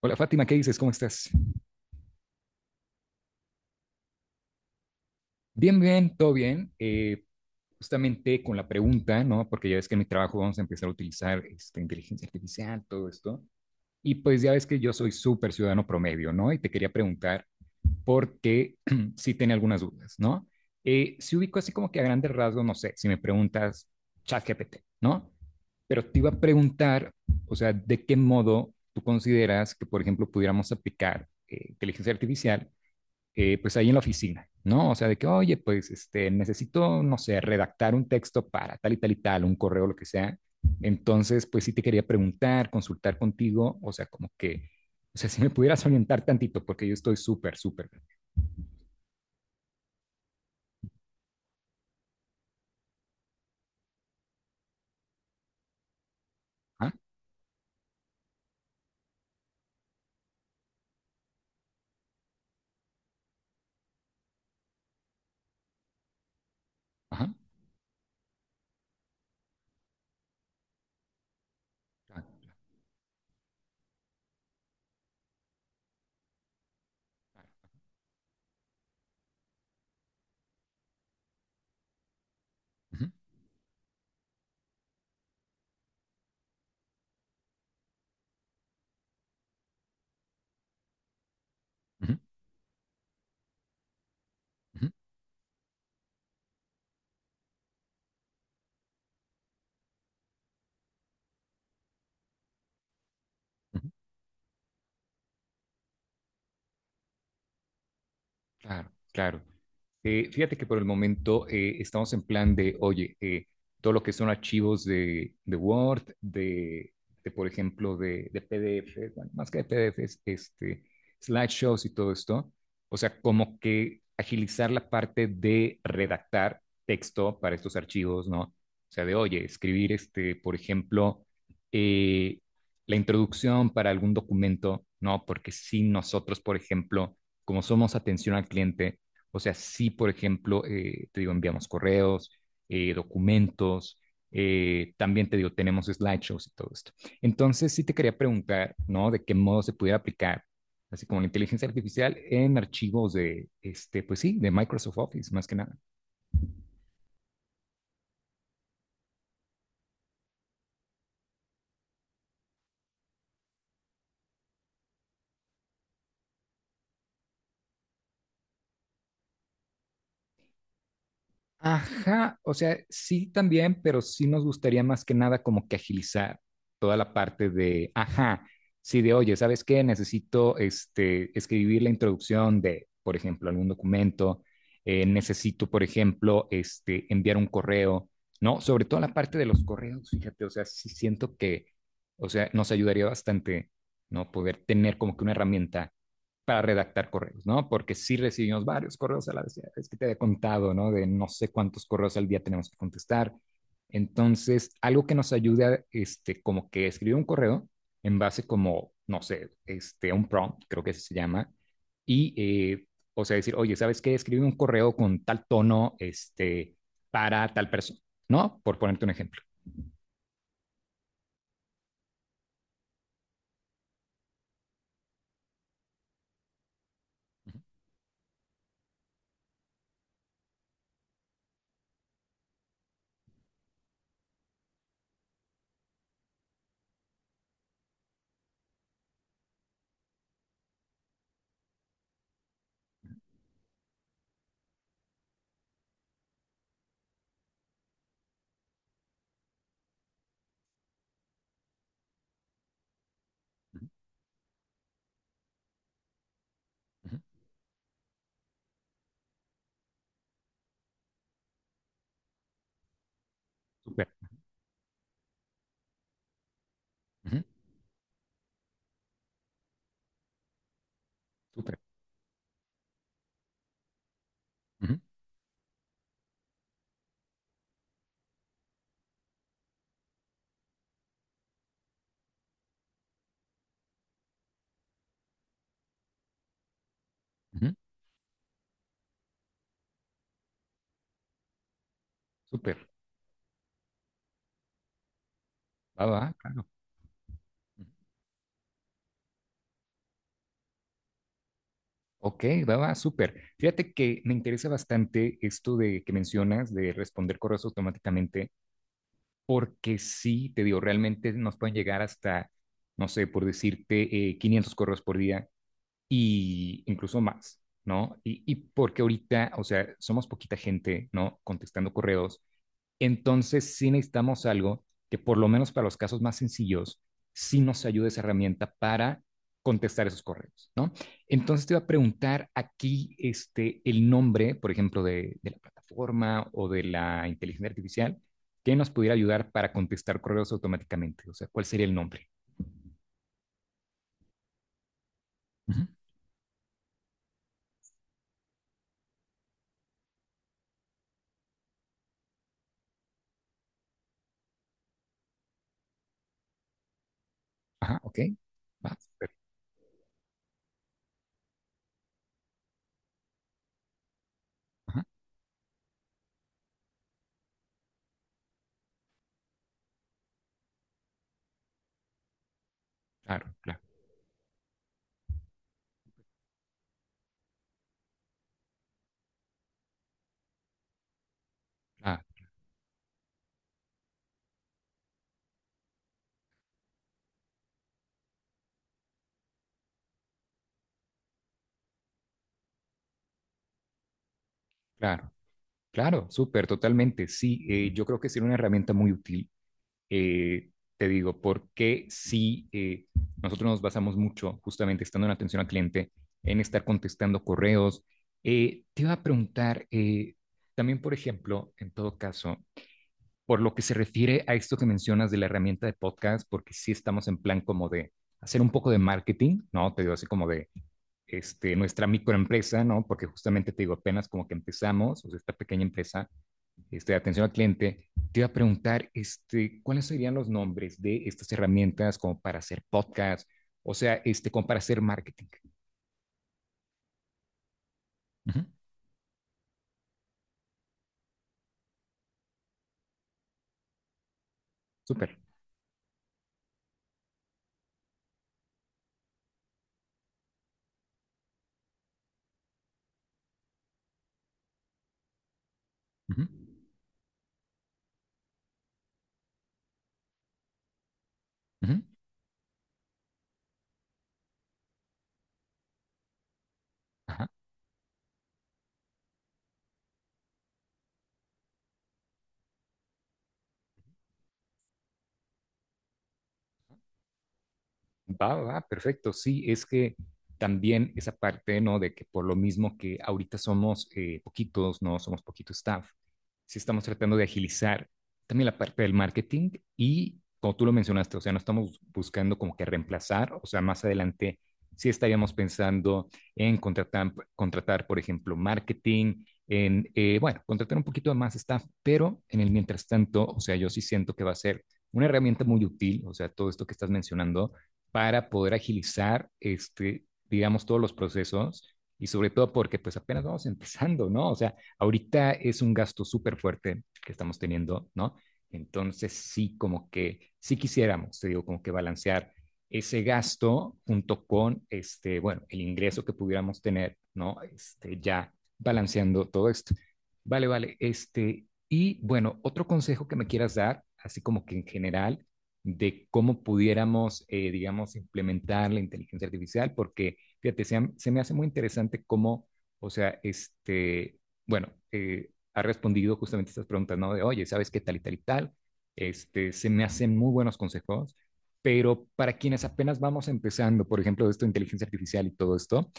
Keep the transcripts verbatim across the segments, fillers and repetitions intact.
Hola Fátima, ¿qué dices? ¿Cómo estás? Bien, bien, todo bien. Eh, justamente con la pregunta, ¿no? Porque ya ves que en mi trabajo vamos a empezar a utilizar este, inteligencia artificial, todo esto. Y pues ya ves que yo soy súper ciudadano promedio, ¿no? Y te quería preguntar porque sí tenía algunas dudas, ¿no? Eh, si ubico así como que a grandes rasgos, no sé, si me preguntas ChatGPT, ¿no? Pero te iba a preguntar, o sea, ¿de qué modo tú consideras que, por ejemplo, pudiéramos aplicar eh, inteligencia artificial? eh, pues ahí en la oficina, ¿no? O sea, de que, oye, pues este, necesito, no sé, redactar un texto para tal y tal y tal, un correo, lo que sea. Entonces, pues sí te quería preguntar, consultar contigo, o sea, como que, o sea, si me pudieras orientar tantito, porque yo estoy súper, súper. Ajá, ajá, claro, ujú, ujú, ujú, ujú, claro, claro. Eh, fíjate que por el momento eh, estamos en plan de, oye, eh, todo lo que son archivos de, de Word, de, de, por ejemplo, de, de P D F, bueno, más que de P D Fs, este, slideshows y todo esto. O sea, como que agilizar la parte de redactar texto para estos archivos, ¿no? O sea, de, oye, escribir, este, por ejemplo, eh, la introducción para algún documento, ¿no? Porque si nosotros, por ejemplo, como somos atención al cliente, o sea, sí, por ejemplo, eh, te digo, enviamos correos, eh, documentos, eh, también te digo, tenemos slideshows y todo esto. Entonces, sí te quería preguntar, ¿no? De qué modo se pudiera aplicar, así como la inteligencia artificial, en archivos de, este, pues sí, de Microsoft Office, más que nada. Ajá, o sea, sí también, pero sí nos gustaría más que nada como que agilizar toda la parte de, ajá, sí de, oye, ¿sabes qué? Necesito este, escribir la introducción de, por ejemplo, algún documento, eh, necesito, por ejemplo, este, enviar un correo, ¿no? Sobre todo la parte de los correos, fíjate, o sea, sí siento que, o sea, nos ayudaría bastante, ¿no? Poder tener como que una herramienta para redactar correos, ¿no? Porque sí recibimos varios correos a la vez, es que te había contado, ¿no? De no sé cuántos correos al día tenemos que contestar. Entonces, algo que nos ayuda, este, como que escribir un correo en base como, no sé, este, un prompt, creo que se llama, y, eh, o sea, decir, oye, ¿sabes qué? Escribe un correo con tal tono, este, para tal persona, ¿no? Por ponerte un ejemplo. Uh -huh. Súper, uh -huh. Súper, uh -huh. Súper, va, va, claro. Uh-huh. Ok, va, va, súper. Fíjate que me interesa bastante esto de que mencionas de responder correos automáticamente, porque sí, te digo, realmente nos pueden llegar hasta, no sé, por decirte, eh, quinientos correos por día y incluso más, ¿no? Y, y porque ahorita, o sea, somos poquita gente, ¿no? Contestando correos, entonces, sí necesitamos algo que por lo menos para los casos más sencillos, sí nos ayude esa herramienta para contestar esos correos, ¿no? Entonces te iba a preguntar aquí este, el nombre, por ejemplo, de, de la plataforma o de la inteligencia artificial que nos pudiera ayudar para contestar correos automáticamente. O sea, ¿cuál sería el nombre? Uh -huh. Ajá, ok. Va, super. Ajá, claro, claro, claro, claro, claro, súper, totalmente. Sí, eh, yo creo que sería una herramienta muy útil, eh, te digo, porque si eh, nosotros nos basamos mucho justamente estando en atención al cliente, en estar contestando correos, eh, te iba a preguntar eh, también, por ejemplo, en todo caso, por lo que se refiere a esto que mencionas de la herramienta de podcast, porque sí estamos en plan como de hacer un poco de marketing, ¿no? Te digo así como de este, nuestra microempresa, ¿no? Porque justamente te digo, apenas como que empezamos, o sea, esta pequeña empresa, este, de atención al cliente, te iba a preguntar este, cuáles serían los nombres de estas herramientas como para hacer podcast, o sea, este, como para hacer marketing. Ujú, súper. Ujú, ujú. Ajá. Va, va, perfecto. Sí, es que también esa parte, ¿no? De que por lo mismo que ahorita somos eh, poquitos, ¿no? Somos poquito staff, sí estamos tratando de agilizar también la parte del marketing y, como tú lo mencionaste, o sea, no estamos buscando como que reemplazar, o sea, más adelante sí estaríamos pensando en contratar, contratar por ejemplo, marketing, en, eh, bueno, contratar un poquito de más staff, pero en el mientras tanto, o sea, yo sí siento que va a ser una herramienta muy útil, o sea, todo esto que estás mencionando para poder agilizar, este, digamos, todos los procesos y sobre todo porque pues apenas vamos empezando, ¿no? O sea, ahorita es un gasto súper fuerte que estamos teniendo, ¿no? Entonces sí, como que sí quisiéramos, te digo, como que balancear ese gasto junto con, este, bueno, el ingreso que pudiéramos tener, ¿no? Este, ya balanceando todo esto. Vale, vale, este, y bueno, otro consejo que me quieras dar, así como que en general, de cómo pudiéramos, eh, digamos, implementar la inteligencia artificial, porque, fíjate, se, han- se me hace muy interesante cómo, o sea, este, bueno, eh, ha respondido justamente estas preguntas, ¿no? De, oye, ¿sabes qué tal y tal y tal? Este, se me hacen muy buenos consejos, pero para quienes apenas vamos empezando, por ejemplo, esto de inteligencia artificial y todo esto,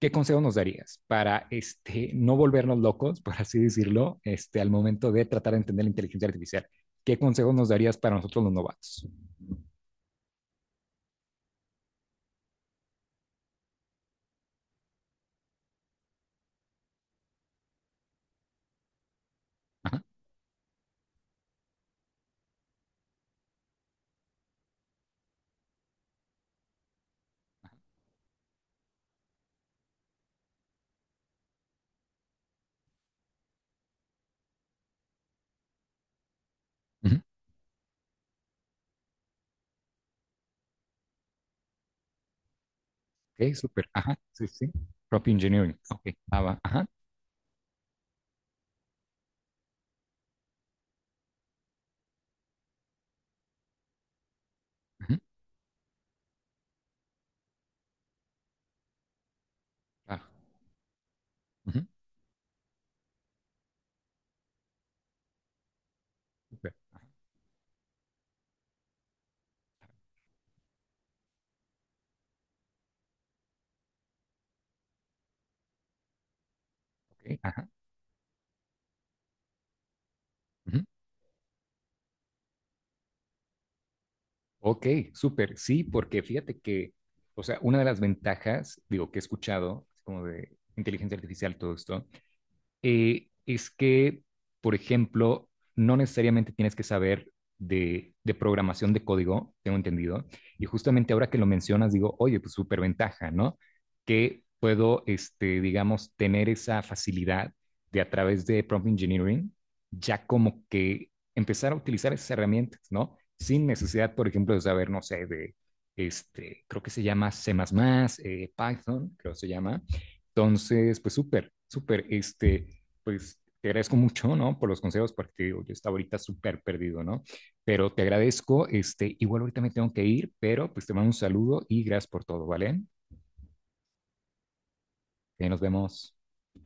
¿qué consejo nos darías para, este, no volvernos locos, por así decirlo, este, al momento de tratar de entender la inteligencia artificial? ¿Qué consejos nos darías para nosotros los novatos? Ajá. Ujú, ok, súper. Ajá. Sí, sí. Prop engineering. Ok. Ah, va. Ajá. Ujú, ah, ujú, súper. Ok. Ajá. Ujú. Ok, súper. Sí, porque fíjate que, o sea, una de las ventajas, digo, que he escuchado, así como de inteligencia artificial, todo esto, eh, es que, por ejemplo, no necesariamente tienes que saber de, de programación de código, tengo entendido, y justamente ahora que lo mencionas, digo, oye, pues súper ventaja, ¿no? Que puedo, este, digamos, tener esa facilidad de a través de prompt engineering, ya como que empezar a utilizar esas herramientas, ¿no? Sin necesidad, por ejemplo, de saber, no sé, de, este, creo que se llama ce más más, eh, Python, creo que se llama. Entonces, pues súper, súper, este, pues te agradezco mucho, ¿no? Por los consejos, porque te digo, yo estaba ahorita súper perdido, ¿no? Pero te agradezco, este, igual ahorita me tengo que ir, pero pues te mando un saludo y gracias por todo, ¿vale? Que nos vemos.